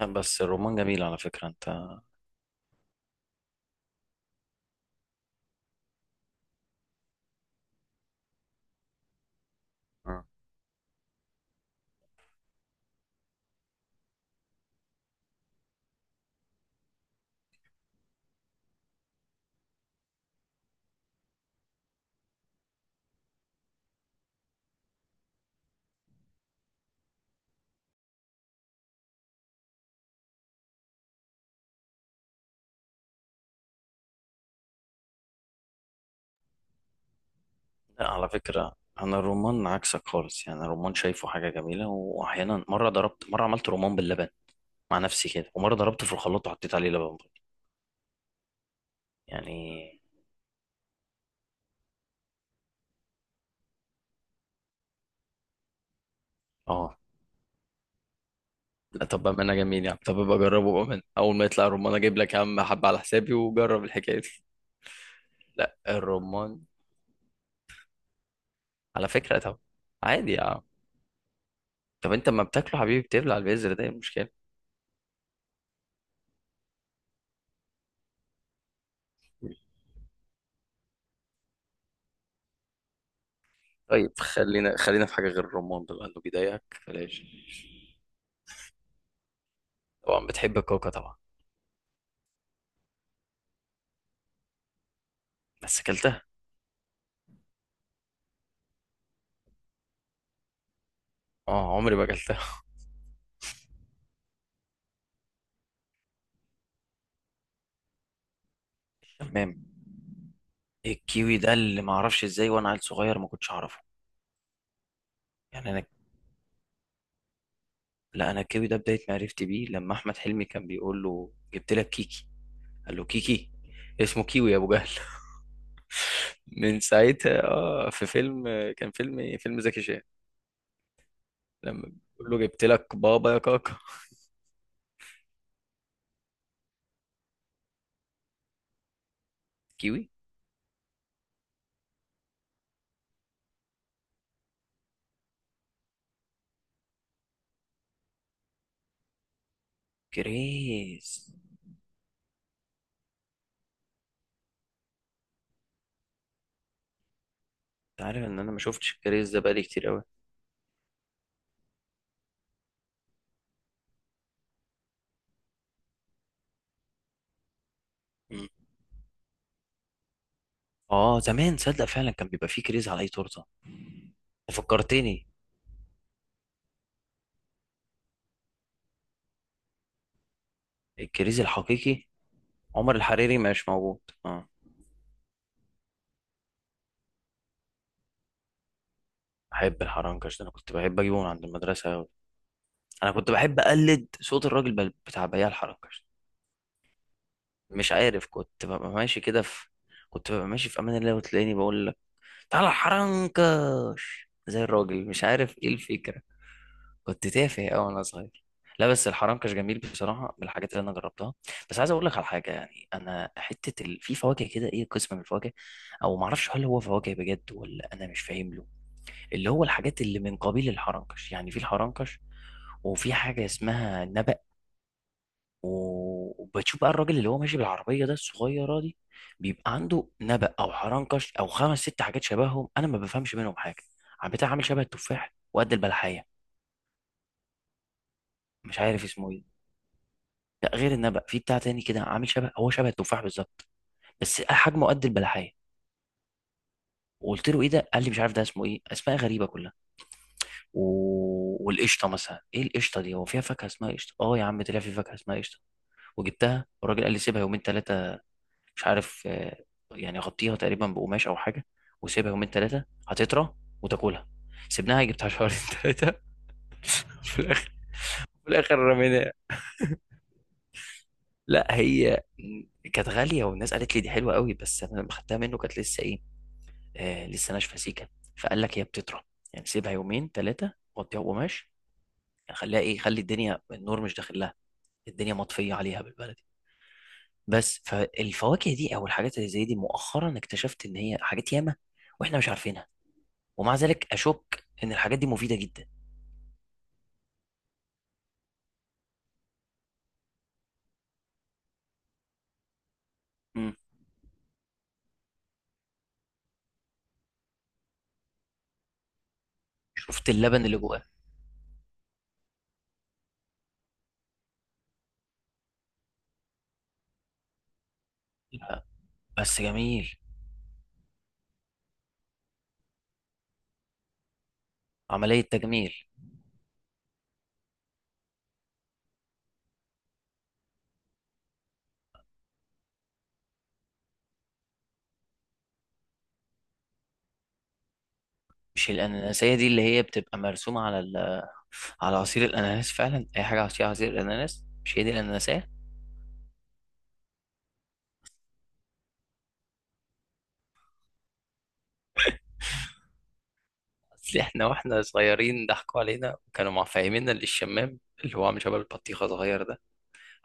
لا، بس الرومان جميل على فكرة. انت اه. لا، على فكرة انا الرومان عكسك خالص، يعني الرومان شايفه حاجة جميلة، واحيانا مرة ضربت، مرة عملت رومان باللبن مع نفسي كده، ومرة ضربته في الخلاط وحطيت عليه لبن برضه. يعني اه. لا، طب بأمانة جميل يعني. طب ابقى جربه بأمانة، اول ما يطلع الرومان اجيب لك يا عم حبة على حسابي وجرب الحكاية دي لا الرومان على فكرة. طب عادي يا عم. طب انت اما بتاكله حبيبي بتبلع البذر ده، ايه المشكلة؟ طيب خلينا في حاجة غير الرمان ده لأنه بيضايقك بلاش. طبعا بتحب الكوكا طبعا، بس اكلتها. اه، عمري ما اكلتها. تمام. الكيوي ده اللي ما اعرفش ازاي وانا عيل صغير ما كنتش اعرفه يعني. انا لا، انا الكيوي ده بدايه معرفتي بيه لما احمد حلمي كان بيقول له جبت لك كيكي، قال له كيكي. اسمه كيوي يا ابو جهل. من ساعتها. اه، في فيلم، كان فيلم إيه؟ فيلم زكي شان، لما بيقول له جبت لك بابا يا كاكا. كيوي. كريز. انت عارف ان انا ما شفتش الكريز ده بقالي كتير قوي. مم. اه، زمان صدق فعلا كان بيبقى فيه كريز على اي تورته. فكرتني الكريزي الحقيقي، عمر الحريري مش موجود. اه. بحب الحرنكش، ده انا كنت بحب اجيبه من عند المدرسه أوي. انا كنت بحب اقلد صوت الراجل بتاع بياع الحرنكش. مش عارف، كنت ببقى ماشي كده في، كنت ببقى ماشي في امان الله وتلاقيني بقول لك تعالى الحرنكش زي الراجل، مش عارف ايه الفكره. كنت تافه قوي وانا صغير. لا، بس الحرنكش جميل بصراحه، من الحاجات اللي انا جربتها. بس عايز اقول لك على حاجه، يعني انا حته في فواكه كده، ايه، قسم من الفواكه، او ما اعرفش هل هو فواكه بجد ولا انا مش فاهم له. اللي هو الحاجات اللي من قبيل الحرنكش، يعني في الحرنكش وفي حاجة اسمها نبأ، وبتشوف بقى الراجل اللي هو ماشي بالعربية ده الصغيرة دي، بيبقى عنده نبأ أو حرنكش أو خمس ست حاجات شبههم أنا ما بفهمش منهم حاجة. عم بتاع عامل شبه التفاح وقد البلحية. مش عارف اسمه إيه. لا، غير النبأ في بتاع تاني كده عامل شبه، هو شبه التفاح بالظبط، بس حجمه قد البلحية. وقلت له ايه ده، قال لي مش عارف ده اسمه ايه، اسماء غريبه كلها. و... والقشطه مثلا، ايه القشطه دي؟ هو فيها فاكهه اسمها قشطه؟ اه يا عم، طلع في فاكهه اسمها قشطه. وجبتها والراجل قال لي سيبها يومين ثلاثه، مش عارف، يعني غطيها تقريبا بقماش او حاجه وسيبها يومين ثلاثه هتطرى وتاكلها. سيبناها، جبتها شهرين ثلاثه. في الاخر، في الاخر رميناها. لا، هي كانت غاليه والناس قالت لي دي حلوه قوي، بس انا لما خدتها منه كانت لسه ايه، لسه ناشفه سيكه. فقال لك هي بتطرى، يعني سيبها يومين ثلاثه، غطيها بقماش، يعني خليها ايه، خلي الدنيا النور مش داخل لها، الدنيا مطفيه عليها بالبلد. بس فالفواكه دي او الحاجات اللي زي دي مؤخرا اكتشفت ان هي حاجات ياما واحنا مش عارفينها. ومع ذلك اشك ان الحاجات دي مفيده جدا. مم. شفت اللبن اللي جواه. لا، بس جميل. عمليه تجميل. مش الاناناسيه دي اللي هي بتبقى مرسومه على على عصير الاناناس فعلا؟ اي حاجه عصير، عصير الاناناس مش هي دي الاناناسيه؟ اصل احنا واحنا صغيرين ضحكوا علينا وكانوا مفهميننا اللي الشمام، اللي هو عامل شبه البطيخه صغير ده،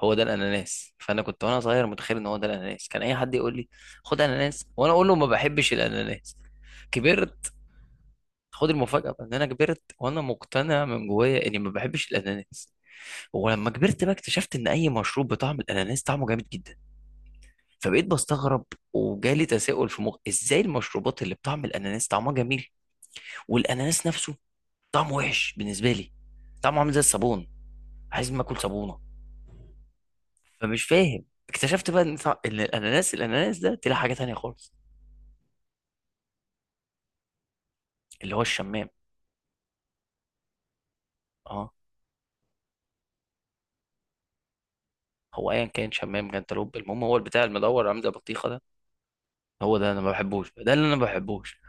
هو ده الاناناس. فانا كنت وانا صغير متخيل ان هو ده الاناناس، كان اي حد يقول لي خد اناناس وانا اقول له ما بحبش الاناناس. كبرت، خد المفاجأة بقى، ان انا كبرت وانا مقتنع من جوايا اني ما بحبش الاناناس. ولما كبرت بقى اكتشفت ان اي مشروب بطعم الاناناس طعمه جامد جدا. فبقيت بستغرب. وجالي تساؤل في مخي، ازاي المشروبات اللي بطعم الاناناس طعمها جميل والاناناس نفسه طعمه وحش بالنسبة لي؟ طعمه عامل زي الصابون، عايز ما اكل صابونة. فمش فاهم. اكتشفت بقى ان إن الاناناس ده طلع حاجه تانية خالص، اللي هو الشمام. اه. هو ايا كان شمام جنتلوب، المهم هو البتاع المدور عامل زي البطيخه ده، هو ده انا ما بحبوش، ده اللي انا ما بحبوش.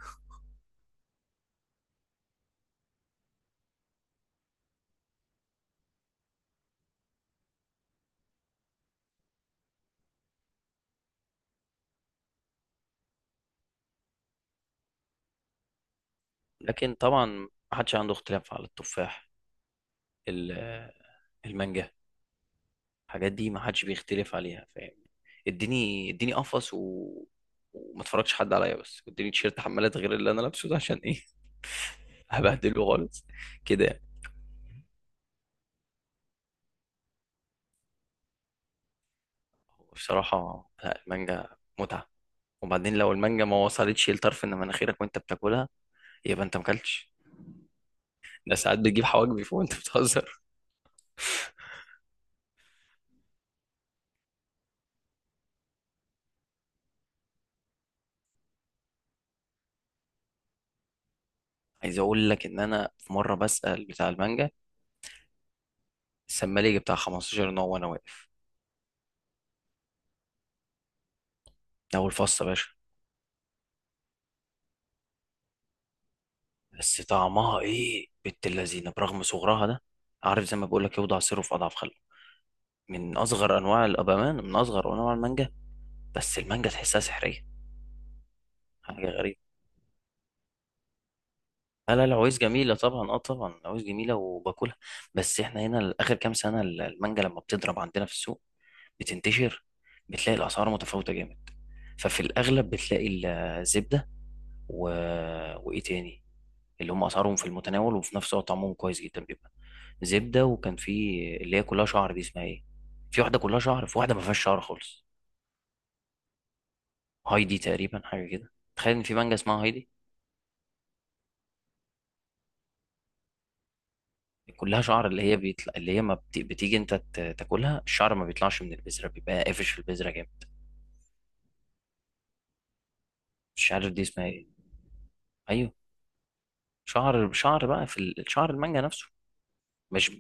لكن طبعا ما حدش عنده اختلاف على التفاح، ال- المانجا، الحاجات دي ما حدش بيختلف عليها فاهم. اديني، اديني قفص و... وما اتفرجش حد عليا بس، واديني تيشيرت حمالات غير اللي انا لابسه ده، عشان ايه؟ هبهدله خالص كده يعني. بصراحه لا، المانجا متعه. وبعدين لو المانجا ما وصلتش لطرف ان مناخيرك وانت بتاكلها يبقى انت مكلتش. ده ساعات بتجيب حواجبي فوق وانت بتهزر. عايز اقول لك ان انا في مره بسال بتاع المانجا السمالي بتاع 15 نوع وانا واقف. ده اول فص يا باشا. بس طعمها ايه بنت اللذينه برغم صغرها ده. عارف زي ما بقول لك، يوضع سره في اضعف خلقه. من اصغر انواع الابامان، من اصغر انواع المانجا، بس المانجا تحسها سحريه. حاجه غريبه. لا العويس جميلة طبعا، اه طبعا العويس جميلة وباكلها. بس احنا هنا آخر كام سنة المانجا لما بتضرب عندنا في السوق بتنتشر. بتلاقي الأسعار متفاوتة جامد. ففي الأغلب بتلاقي الزبدة و... وإيه تاني، اللي هم أسعارهم في المتناول وفي نفس الوقت طعمهم كويس جدا، بيبقى زبدة. وكان في اللي هي كلها شعر دي، اسمها إيه؟ في واحدة كلها شعر، في واحدة ما فيهاش شعر خالص. هايدي تقريبا حاجة كده. تخيل إن في مانجا اسمها هايدي. كلها شعر، اللي هي بيطلع، اللي هي ما بتيجي انت تاكلها الشعر ما بيطلعش من البذره، بيبقى قافش في البذره جامد. مش عارف دي اسمها ايه. ايوه، شعر شعر بقى في شعر المانجا نفسه. مش.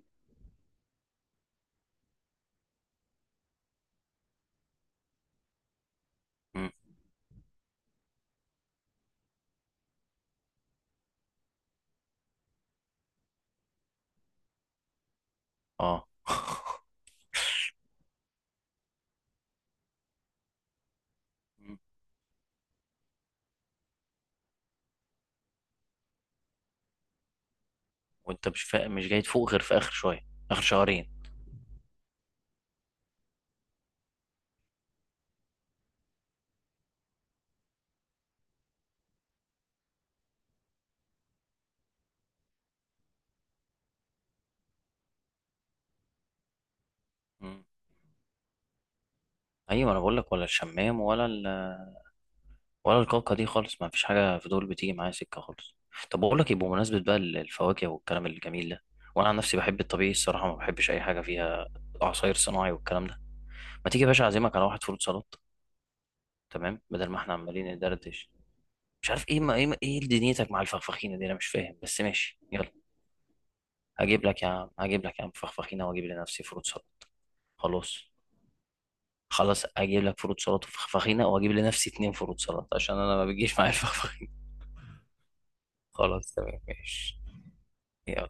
مم. اه. مم. وانت مش مش جاي تفوق غير في اخر شويه، اخر شهرين. مم. ايوه، انا بقول لك ولا الشمام ولا ولا الكاكا دي خالص، ما فيش حاجه في دول بتيجي معايا سكه خالص. طب بقول لك ايه، بمناسبه بقى الفواكه والكلام الجميل ده، وانا عن نفسي بحب الطبيعي الصراحه، ما بحبش اي حاجه فيها عصاير صناعي والكلام ده. ما تيجي يا باشا اعزمك على واحد فول سلطه تمام بدل ما احنا عمالين ندردش. مش عارف ايه ما ايه ما ايه دنيتك مع الفخفخينه دي، انا مش فاهم، بس ماشي يلا. هجيب لك يا عم فخفخينه واجيب لنفسي فروت سلطه. خلاص. خلاص اجيب لك فروت سلطه وفخفخينه واجيب لنفسي اتنين فروت سلطه عشان انا ما بيجيش معايا الفخفخينه. خلاص تمام ماشي. يلا.